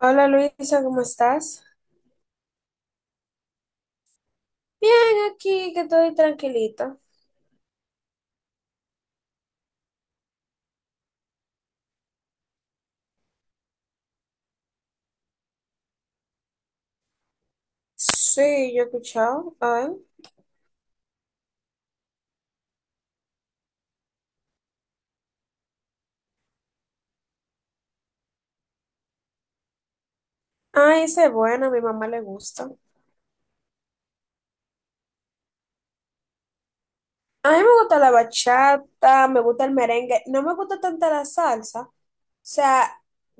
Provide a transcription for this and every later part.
Hola Luisa, ¿cómo estás? Bien, aquí que estoy tranquilita. Sí, yo he escuchado. A ver. Ay, esa es buena, a mi mamá le gusta. A mí me gusta la bachata, me gusta el merengue. No me gusta tanta la salsa. O sea,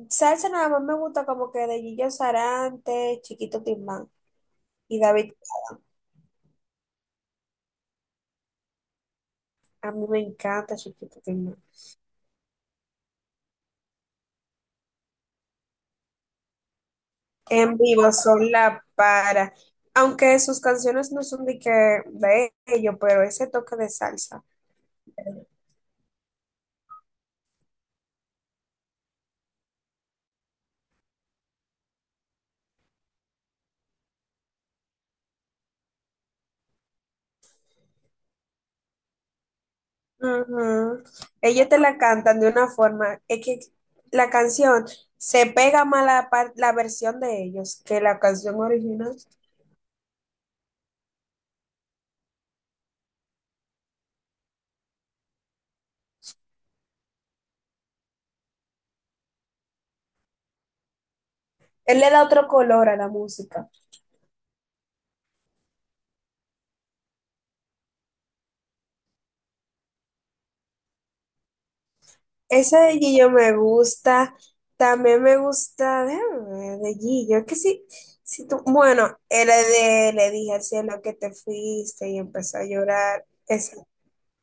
salsa nada más me gusta como que de Gillo Sarante, Chiquito Timbán y David. Bisbal. A mí me encanta Chiquito Timbán. En vivo son la para. Aunque sus canciones no son de que de ellos, pero ese toque de salsa. Ujú. Ellos te la cantan de una forma, es que la canción se pega más la, la versión de ellos que la canción original. Él le da otro color a la música. Esa de Gillo me gusta, también me gusta, déjame ver, de Gillo, es que sí, si tú, bueno, era de, le dije al cielo que te fuiste y empezó a llorar. Es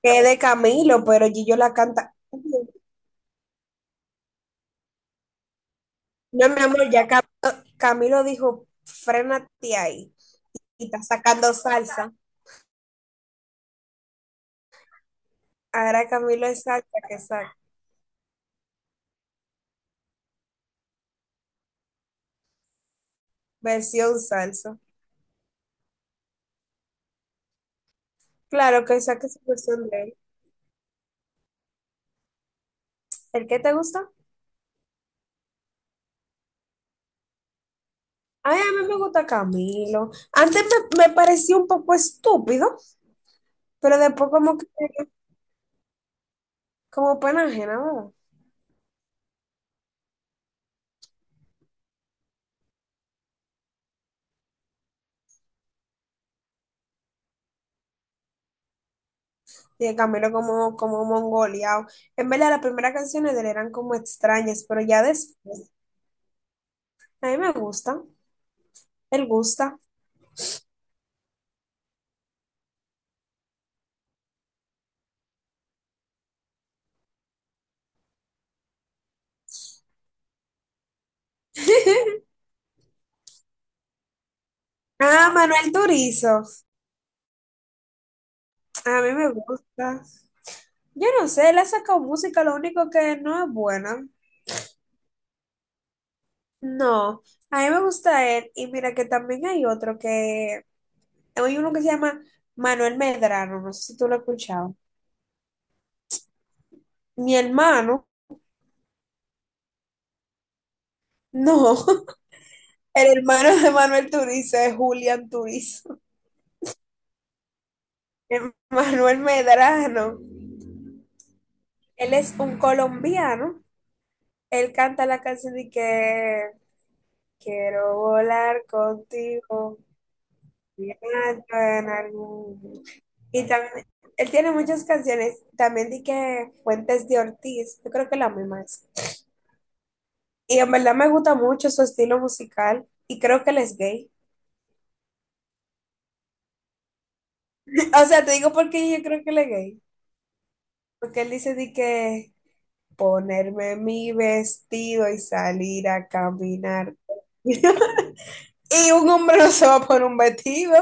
que es de Camilo, pero Gillo la canta. No, mi amor, Camilo dijo, frénate ahí. Y está sacando salsa. Ahora Camilo es salsa que saca. Versión salsa. Claro que saque su versión de él. ¿El qué te gusta? Ay, a mí me gusta Camilo. Antes me parecía un poco estúpido, pero después como que, como pena ajena, ¿verdad? Y de Camilo como mongoleado. En verdad, las primeras canciones de él eran como extrañas, pero ya después. A mí me gusta. Él gusta. Ah, Manuel Turizo. A mí me gusta. Yo no sé, él ha sacado música, lo único que no es buena. No, a mí me gusta él. Y mira que también hay otro que, hay uno que se llama Manuel Medrano, no sé si tú lo has escuchado. Mi hermano, no, el hermano de Manuel Turizo es Julián Turizo. El Manuel Medrano, él es un colombiano, él canta la canción de que quiero volar contigo Alejandro, en algún. Y también, él tiene muchas canciones, también di que Fuentes de Ortiz, yo creo que la misma es. Y en verdad me gusta mucho su estilo musical y creo que él es gay. O sea, te digo porque yo creo que él es gay. Porque él dice di que ponerme mi vestido y salir a caminar. Y un hombre no se va a poner un vestido.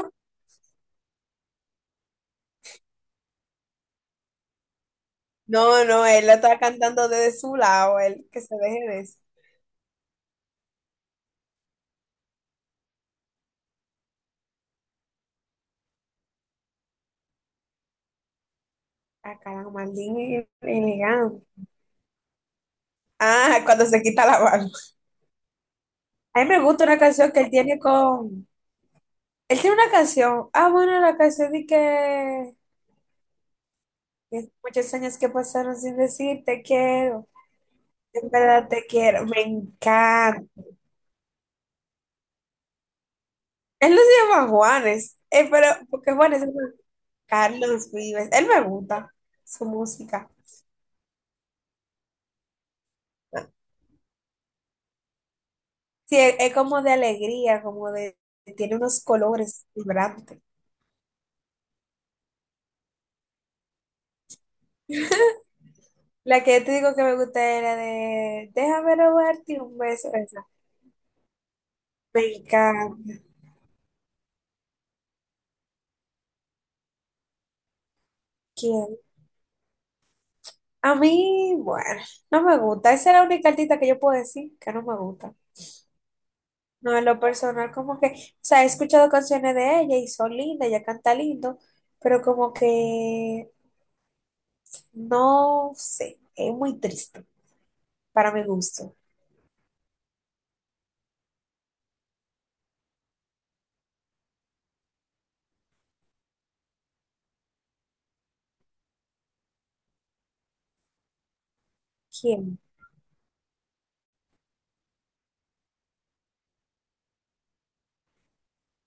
No, no, él lo está cantando desde su lado, él que se deje de eso. Ah, caramba, maldito. Ah, cuando se quita la barba. A mí me gusta una canción que él tiene con... Él tiene una canción. Ah, bueno, la canción de que muchos años que pasaron sin decir te quiero. En verdad te quiero. Me encanta. Él no se llama Juanes. Pero, porque Juanes es Carlos Vives. Él me gusta su música. Sí, es como de alegría, como de... Tiene unos colores vibrantes. La que yo te digo que me gusta era de... Déjame robarte un beso. Esa. Venga, ¿quién? A mí, bueno, no me gusta. Esa es la única artista que yo puedo decir que no me gusta. No, en lo personal, como que, o sea, he escuchado canciones de ella y son lindas, ella canta lindo, pero como que, no sé, es muy triste para mi gusto. ¿Quién?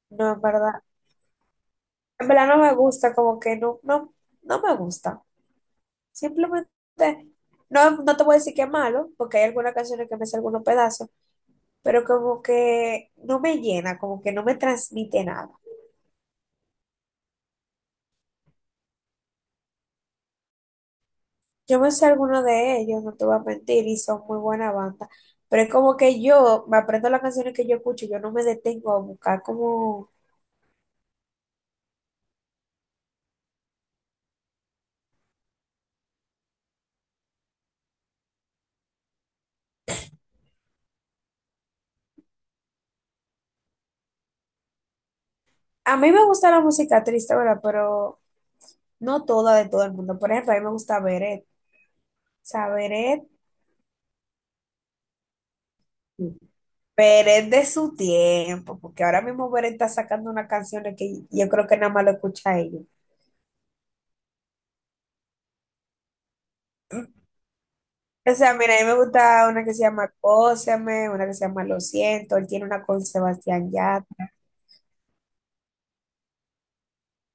No, en verdad. En verdad no me gusta, como que no, no, no me gusta. Simplemente, no, no te voy a decir que es malo, porque hay algunas canciones que me hacen algunos pedazos, pero como que no me llena, como que no me transmite nada. Yo me sé alguno de ellos, no te voy a mentir, y son muy buena banda, pero es como que yo me aprendo las canciones que yo escucho, yo no me detengo a buscar como... A mí me gusta la música triste, ¿verdad? Pero no toda de todo el mundo. Por ejemplo, a mí me gusta Beret, o sea, Beret, Beret de su tiempo, porque ahora mismo Beret está sacando unas canciones que yo creo que nada más lo escucha ella. O sea, mira, a mí me gusta una que se llama Cóseme, una que se llama Lo siento, él tiene una con Sebastián Yatra.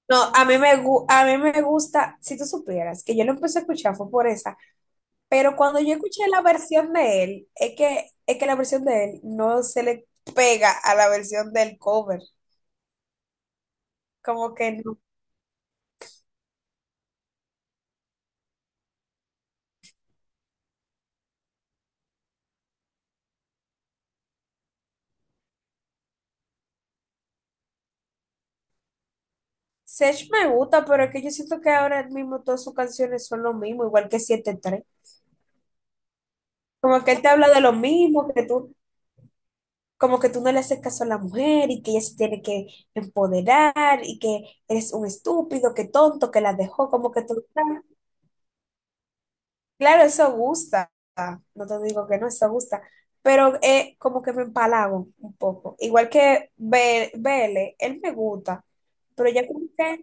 No, a mí me gusta, si tú supieras, que yo lo empecé a escuchar fue por esa, pero cuando yo escuché la versión de él, es que la versión de él no se le pega a la versión del cover, como que no. Sech me gusta, pero es que yo siento que ahora mismo todas sus canciones son lo mismo, igual que siete tres. Como que él te habla de lo mismo, que tú como que tú no le haces caso a la mujer y que ella se tiene que empoderar y que eres un estúpido, que tonto, que la dejó, como que tú... Claro, eso gusta, no te digo que no, eso gusta, pero como que me empalago un poco. Igual que Bele, él me gusta, pero ya como que,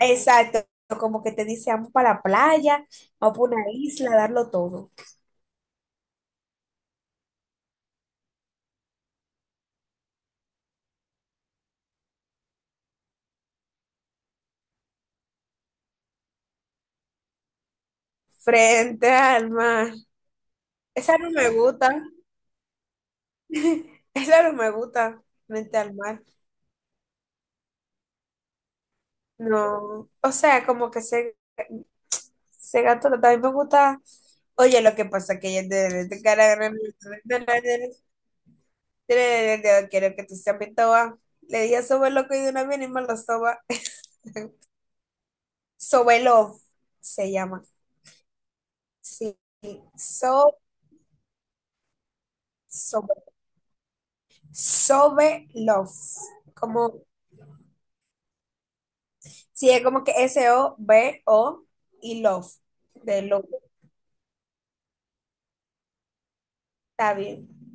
exacto, como que te dice, vamos para la playa, vamos para una isla, darlo todo. Frente al mar. Esa no me gusta. Esa no me gusta. Frente al mar. No, o sea, como que se gato, no, también me gusta. Oye, lo que pasa que yo de cara quiero que tú seas mi toba. Le dije soba loco y de una vez y me lo soba. Sobelo se llama. Sí. So, sobe, sobe love. Como, sí, es como que SOBO y love. De love. Está bien.